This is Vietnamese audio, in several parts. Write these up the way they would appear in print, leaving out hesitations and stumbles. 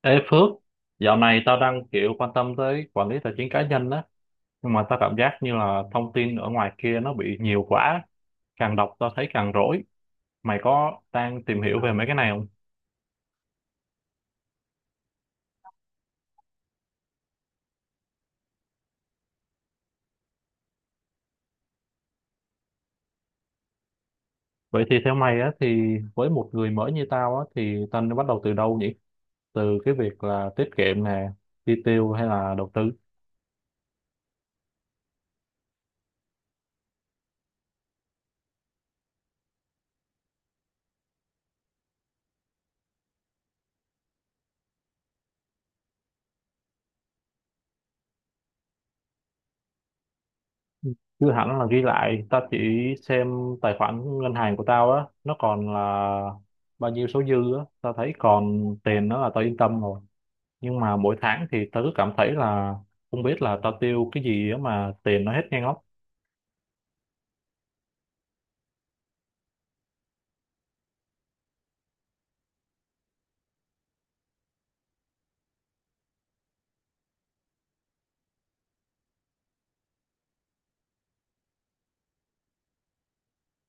Ê Phước, dạo này tao đang quan tâm tới quản lý tài chính cá nhân á, nhưng mà tao cảm giác như là thông tin ở ngoài kia nó bị nhiều quá, càng đọc tao thấy càng rối. Mày có đang tìm hiểu về mấy cái này không? Vậy thì theo mày á, thì với một người mới như tao á, thì tao nên bắt đầu từ đâu nhỉ? Từ cái việc là tiết kiệm nè, chi tiêu hay là đầu tư? Chứ hẳn là ghi lại, tao chỉ xem tài khoản ngân hàng của tao á, nó còn là bao nhiêu số dư á, tao thấy còn tiền nó là tao yên tâm rồi. Nhưng mà mỗi tháng thì tao cứ cảm thấy là không biết là tao tiêu cái gì á mà tiền nó hết nhanh óc.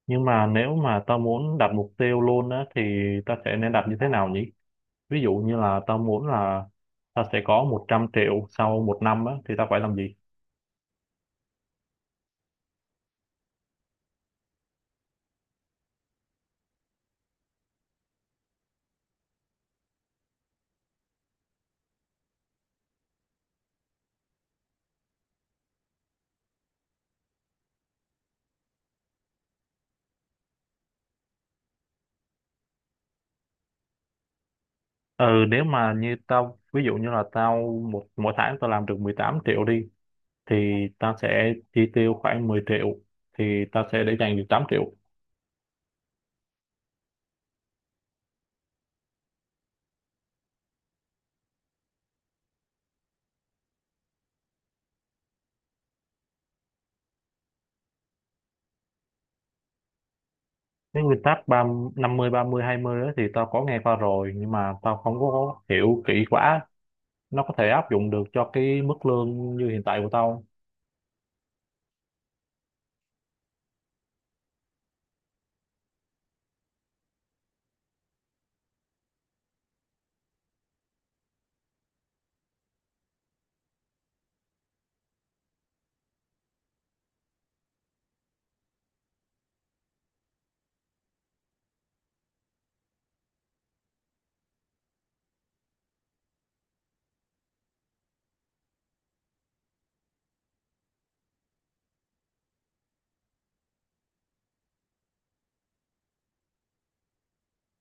Nhưng mà nếu mà tao muốn đặt mục tiêu luôn á thì tao sẽ nên đặt như thế nào nhỉ? Ví dụ như là tao muốn là tao sẽ có 100 triệu sau 1 năm á thì tao phải làm gì? Ừ, nếu mà như tao ví dụ như là tao một mỗi tháng tao làm được 18 triệu đi, thì tao sẽ chi tiêu khoảng 10 triệu, thì tao sẽ để dành được 8 triệu. Cái nguyên tắc 50 30 20 đó thì tao có nghe qua rồi, nhưng mà tao không có hiểu kỹ quá. Nó có thể áp dụng được cho cái mức lương như hiện tại của tao?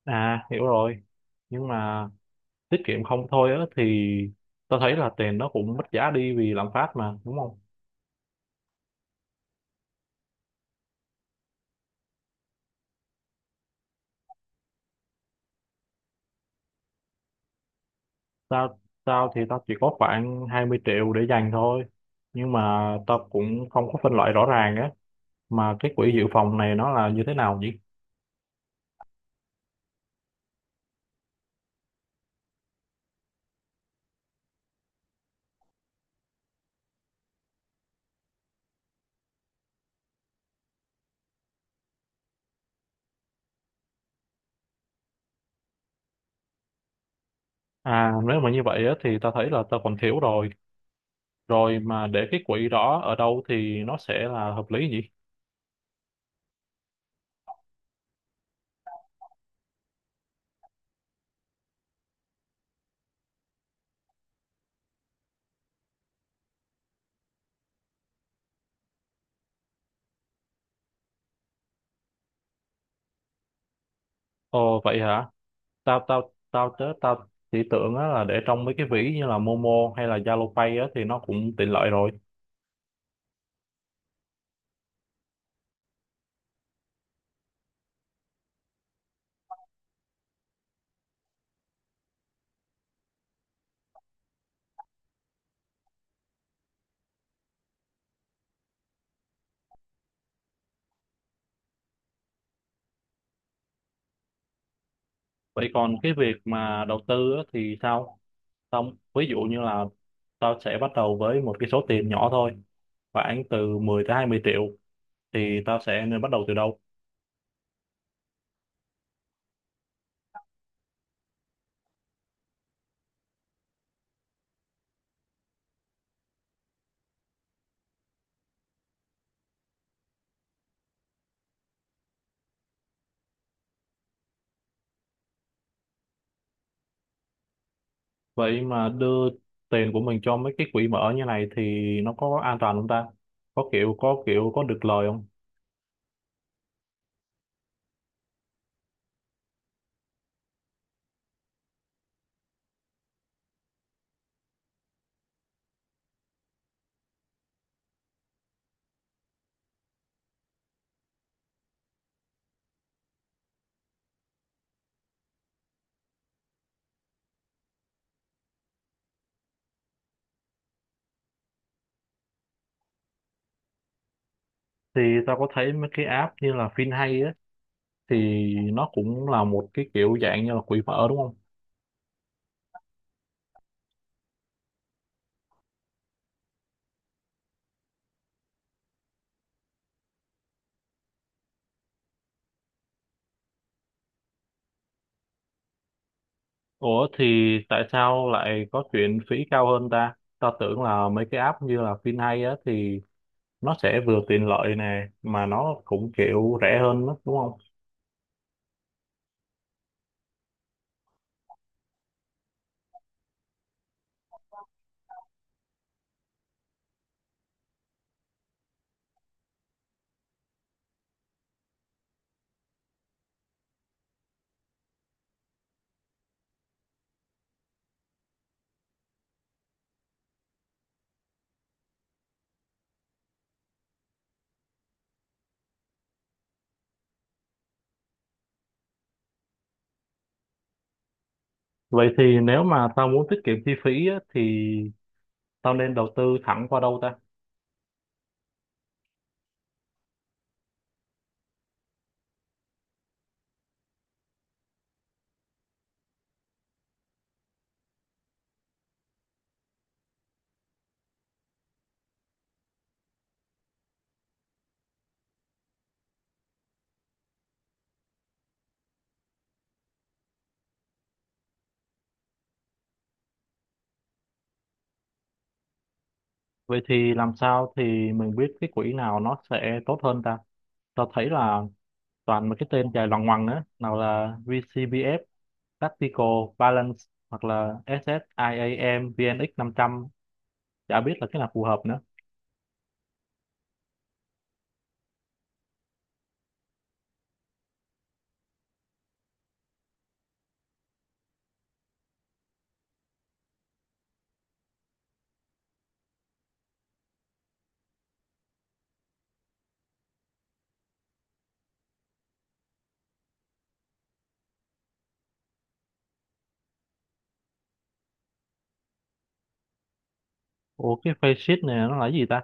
À, hiểu rồi. Nhưng mà tiết kiệm không thôi á thì tao thấy là tiền nó cũng mất giá đi vì lạm phát mà đúng không? Tao tao thì tao chỉ có khoảng 20 triệu để dành thôi, nhưng mà tao cũng không có phân loại rõ ràng á. Mà cái quỹ dự phòng này nó là như thế nào nhỉ? À, nếu mà như vậy á thì tao thấy là tao còn thiếu rồi. Rồi mà để cái quỹ đó ở đâu thì nó sẽ là hợp lý gì? Ồ, vậy hả? Tao tao tao tớ tao chỉ tưởng á là để trong mấy cái ví như là Momo hay là Zalo Pay á thì nó cũng tiện lợi rồi. Vậy còn cái việc mà đầu tư á thì sao? Tao ví dụ như là tao sẽ bắt đầu với một cái số tiền nhỏ thôi, khoảng từ 10 tới 20 triệu, thì tao sẽ nên bắt đầu từ đâu? Vậy mà đưa tiền của mình cho mấy cái quỹ mở như này thì nó có an toàn không ta? Có kiểu có kiểu có được lời không? Thì tao có thấy mấy cái app như là FinHay á thì nó cũng là một cái kiểu dạng như là quỹ mở đúng không? Ủa thì tại sao lại có chuyện phí cao hơn ta? Tao tưởng là mấy cái app như là FinHay á thì nó sẽ vừa tiện lợi nè mà nó cũng kiểu rẻ hơn đó, đúng không? Vậy thì nếu mà tao muốn tiết kiệm chi phí á thì tao nên đầu tư thẳng qua đâu ta? Vậy thì làm sao thì mình biết cái quỹ nào nó sẽ tốt hơn ta? Tao thấy là toàn mấy cái tên dài loằng ngoằng á, nào là VCBF Tactical Balance hoặc là SSIAM VNX 500, chả biết là cái nào phù hợp nữa. Ủa cái face sheet này nó là cái gì ta?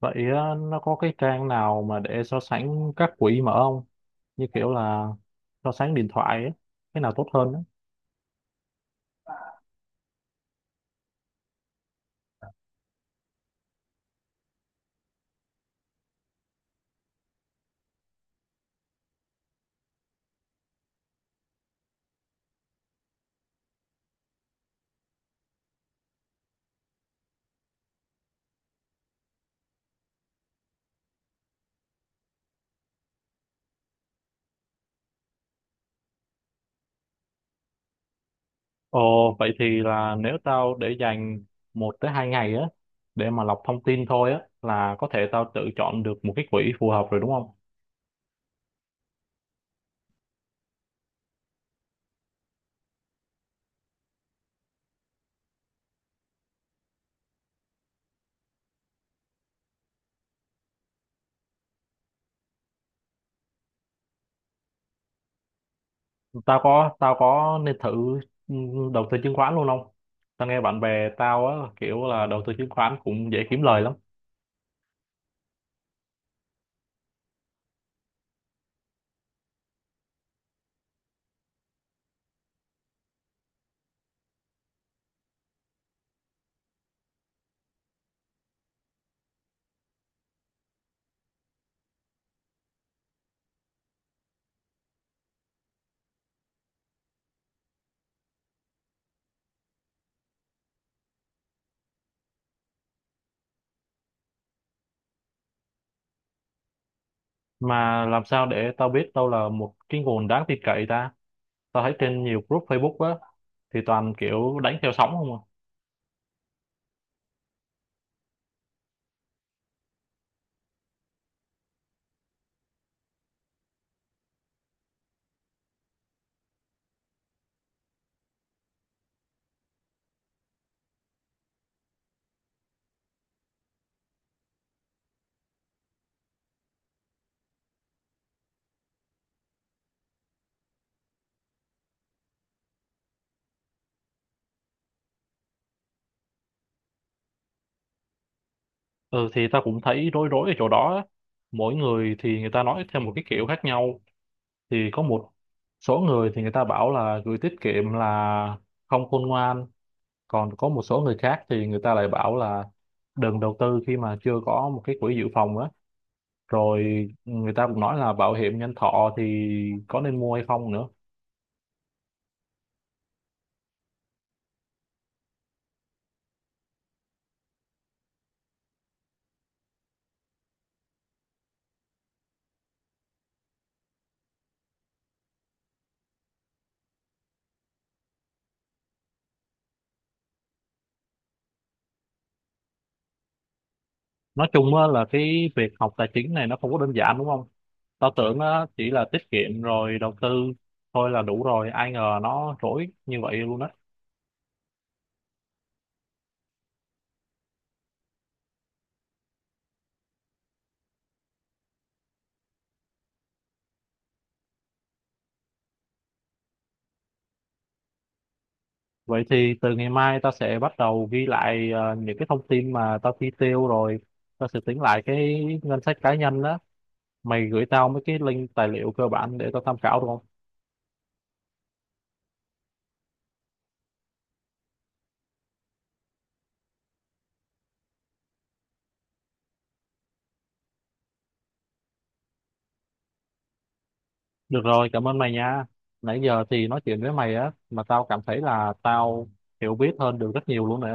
Vậy nó có cái trang nào mà để so sánh các quỹ mở không, như kiểu là so sánh điện thoại ấy, cái nào tốt hơn á? Ồ, vậy thì là nếu tao để dành 1 tới 2 ngày á để mà lọc thông tin thôi á là có thể tao tự chọn được một cái quỹ phù hợp rồi đúng không? Tao có nên thử ừ, đầu tư chứng khoán luôn không? Tao nghe bạn bè tao á kiểu là đầu tư chứng khoán cũng dễ kiếm lời lắm. Mà làm sao để tao biết đâu là một cái nguồn đáng tin cậy ta? Tao thấy trên nhiều group Facebook á thì toàn kiểu đánh theo sóng không à? Ừ thì tao cũng thấy rối rối ở chỗ đó á. Mỗi người thì người ta nói theo một cái kiểu khác nhau. Thì có một số người thì người ta bảo là gửi tiết kiệm là không khôn ngoan, còn có một số người khác thì người ta lại bảo là đừng đầu tư khi mà chưa có một cái quỹ dự phòng á, rồi người ta cũng nói là bảo hiểm nhân thọ thì có nên mua hay không nữa. Nói chung á là cái việc học tài chính này nó không có đơn giản đúng không? Tao tưởng á chỉ là tiết kiệm rồi đầu tư thôi là đủ rồi, ai ngờ nó rối như vậy luôn á. Vậy thì từ ngày mai tao sẽ bắt đầu ghi lại những cái thông tin mà tao chi tiêu, rồi tao sẽ tính lại cái ngân sách cá nhân đó. Mày gửi tao mấy cái link tài liệu cơ bản để tao tham khảo được không? Được rồi, cảm ơn mày nha. Nãy giờ thì nói chuyện với mày á mà tao cảm thấy là tao hiểu biết hơn được rất nhiều luôn nè.